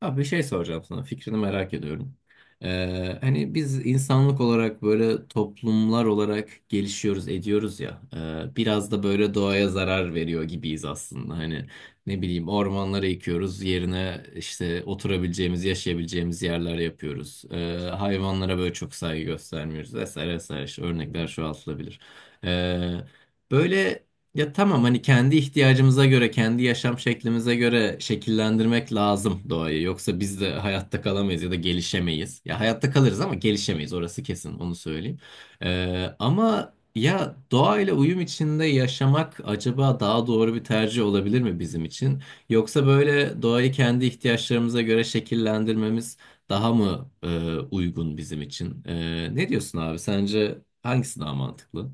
Abi bir şey soracağım sana. Fikrini merak ediyorum. Hani biz insanlık olarak böyle toplumlar olarak gelişiyoruz, ediyoruz ya. Biraz da böyle doğaya zarar veriyor gibiyiz aslında. Hani ne bileyim ormanları yıkıyoruz, yerine işte oturabileceğimiz, yaşayabileceğimiz yerler yapıyoruz. Hayvanlara böyle çok saygı göstermiyoruz vesaire vesaire. İşte örnekler çoğaltılabilir. Ee, böyle Ya tamam, hani kendi ihtiyacımıza göre, kendi yaşam şeklimize göre şekillendirmek lazım doğayı. Yoksa biz de hayatta kalamayız ya da gelişemeyiz. Ya hayatta kalırız ama gelişemeyiz, orası kesin, onu söyleyeyim. Ama ya doğayla uyum içinde yaşamak acaba daha doğru bir tercih olabilir mi bizim için? Yoksa böyle doğayı kendi ihtiyaçlarımıza göre şekillendirmemiz daha mı uygun bizim için? Ne diyorsun abi? Sence hangisi daha mantıklı?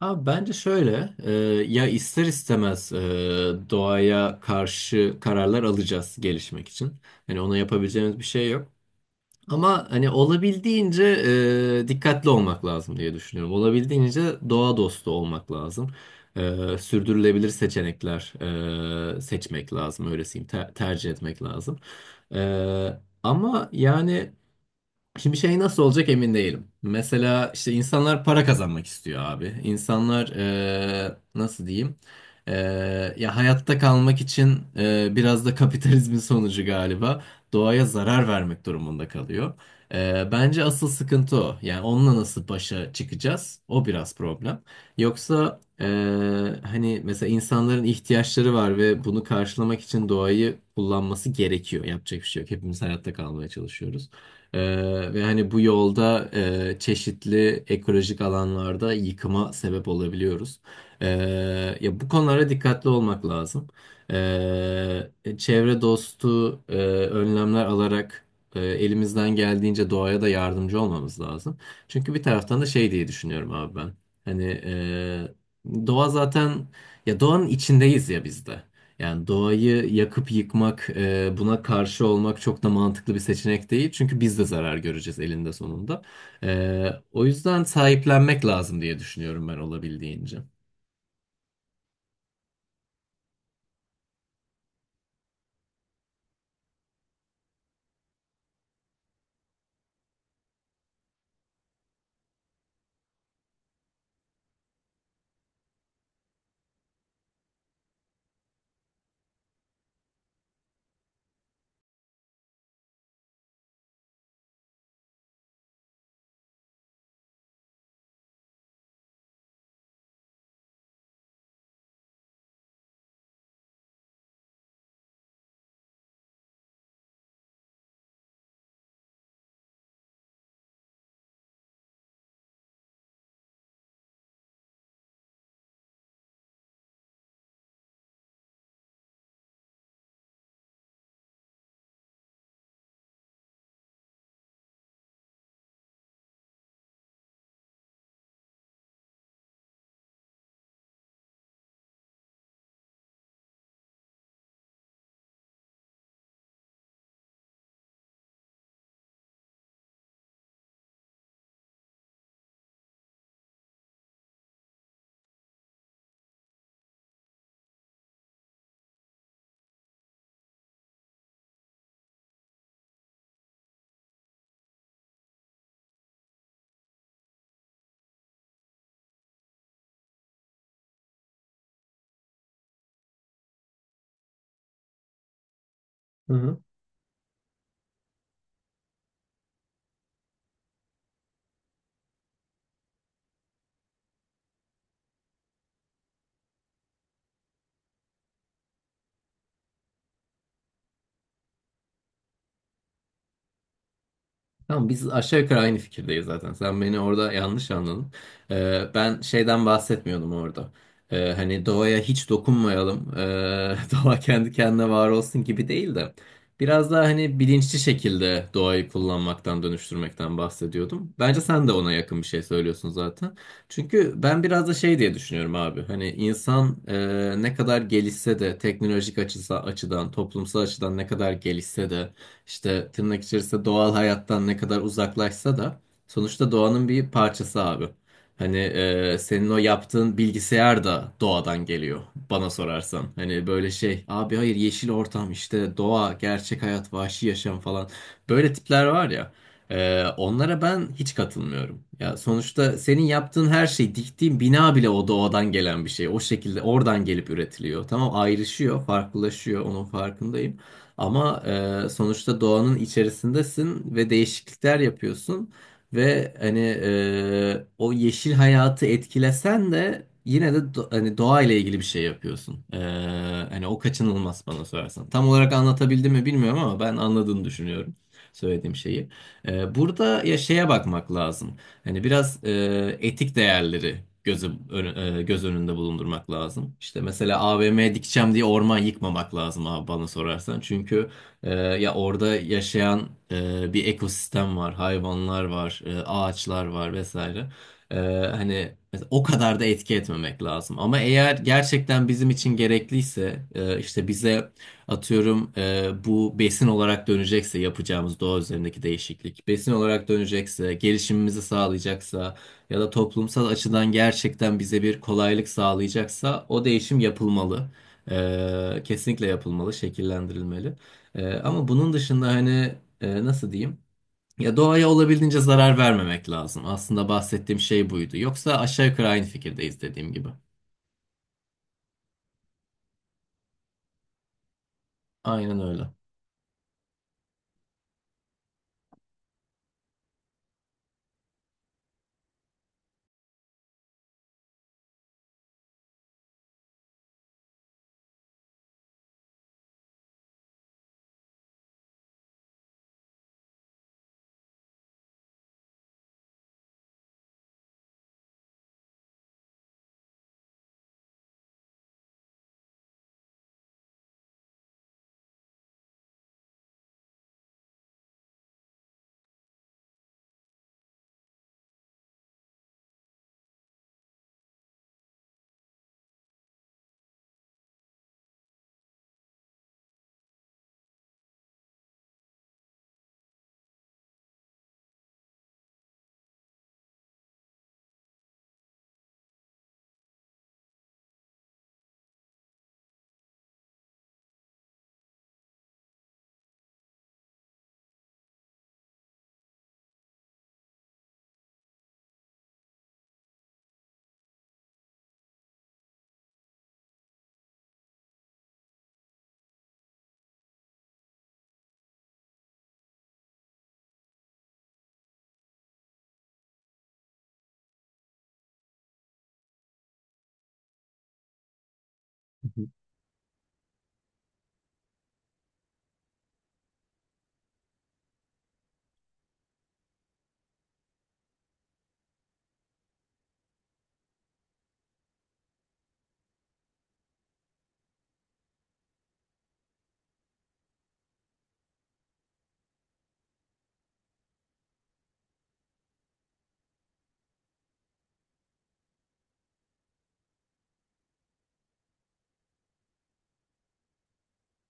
Abi bence şöyle, ya ister istemez doğaya karşı kararlar alacağız gelişmek için. Hani ona yapabileceğimiz bir şey yok. Ama hani olabildiğince dikkatli olmak lazım diye düşünüyorum. Olabildiğince doğa dostu olmak lazım. Sürdürülebilir seçenekler seçmek lazım, öylesiyim, tercih etmek lazım. Ama yani. Şimdi şey nasıl olacak emin değilim. Mesela işte insanlar para kazanmak istiyor abi. İnsanlar nasıl diyeyim? Ya hayatta kalmak için biraz da kapitalizmin sonucu galiba doğaya zarar vermek durumunda kalıyor. Bence asıl sıkıntı o. Yani onunla nasıl başa çıkacağız? O biraz problem. Yoksa hani mesela insanların ihtiyaçları var ve bunu karşılamak için doğayı kullanması gerekiyor. Yapacak bir şey yok. Hepimiz hayatta kalmaya çalışıyoruz. Ve hani bu yolda çeşitli ekolojik alanlarda yıkıma sebep olabiliyoruz. Ee, Ya bu konulara dikkatli olmak lazım. Çevre dostu önlemler alarak elimizden geldiğince doğaya da yardımcı olmamız lazım. Çünkü bir taraftan da şey diye düşünüyorum abi ben. Hani doğa zaten ya doğanın içindeyiz ya biz de. Yani doğayı yakıp yıkmak, buna karşı olmak çok da mantıklı bir seçenek değil. Çünkü biz de zarar göreceğiz elinde sonunda. O yüzden sahiplenmek lazım diye düşünüyorum ben olabildiğince. Hı hı. Tamam, biz aşağı yukarı aynı fikirdeyiz zaten. Sen beni orada yanlış anladın. Ben şeyden bahsetmiyordum orada. Hani doğaya hiç dokunmayalım. Doğa kendi kendine var olsun gibi değil de. Biraz daha hani bilinçli şekilde doğayı kullanmaktan, dönüştürmekten bahsediyordum. Bence sen de ona yakın bir şey söylüyorsun zaten. Çünkü ben biraz da şey diye düşünüyorum abi. Hani insan ne kadar gelişse de teknolojik açıdan, toplumsal açıdan ne kadar gelişse de işte tırnak içerisinde doğal hayattan ne kadar uzaklaşsa da sonuçta doğanın bir parçası abi. Hani senin o yaptığın bilgisayar da doğadan geliyor bana sorarsan. Hani böyle şey abi, hayır yeşil ortam işte doğa, gerçek hayat, vahşi yaşam falan, böyle tipler var ya. Onlara ben hiç katılmıyorum. Ya sonuçta senin yaptığın her şey, diktiğin bina bile o doğadan gelen bir şey. O şekilde oradan gelip üretiliyor. Tamam, ayrışıyor, farklılaşıyor, onun farkındayım. Ama sonuçta doğanın içerisindesin ve değişiklikler yapıyorsun ve hani o yeşil hayatı etkilesen de yine de hani doğayla ilgili bir şey yapıyorsun. Hani o kaçınılmaz bana sorarsan. Tam olarak anlatabildim mi bilmiyorum ama ben anladığını düşünüyorum söylediğim şeyi. Burada ya şeye bakmak lazım. Hani biraz etik değerleri göz önünde bulundurmak lazım. İşte mesela AVM dikeceğim diye orman yıkmamak lazım abi bana sorarsan. Çünkü ya orada yaşayan bir ekosistem var, hayvanlar var, ağaçlar var vesaire. E, Hani mesela o kadar da etki etmemek lazım. Ama eğer gerçekten bizim için gerekliyse, işte bize atıyorum bu besin olarak dönecekse yapacağımız doğa üzerindeki değişiklik, besin olarak dönecekse, gelişimimizi sağlayacaksa ya da toplumsal açıdan gerçekten bize bir kolaylık sağlayacaksa o değişim yapılmalı. Kesinlikle yapılmalı, şekillendirilmeli. Ama bunun dışında hani nasıl diyeyim? Ya doğaya olabildiğince zarar vermemek lazım. Aslında bahsettiğim şey buydu. Yoksa aşağı yukarı aynı fikirdeyiz dediğim gibi. Aynen öyle.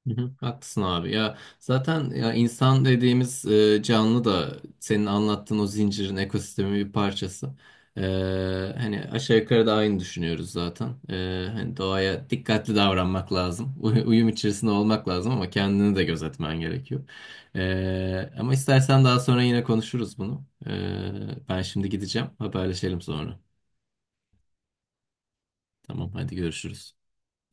Hı hı, haklısın abi. Ya zaten ya insan dediğimiz canlı da senin anlattığın o zincirin, ekosistemin bir parçası. E, Hani aşağı yukarı da aynı düşünüyoruz zaten. Hani doğaya dikkatli davranmak lazım. Uyum içerisinde olmak lazım ama kendini de gözetmen gerekiyor. Ama istersen daha sonra yine konuşuruz bunu. Ben şimdi gideceğim. Haberleşelim sonra. Tamam hadi görüşürüz.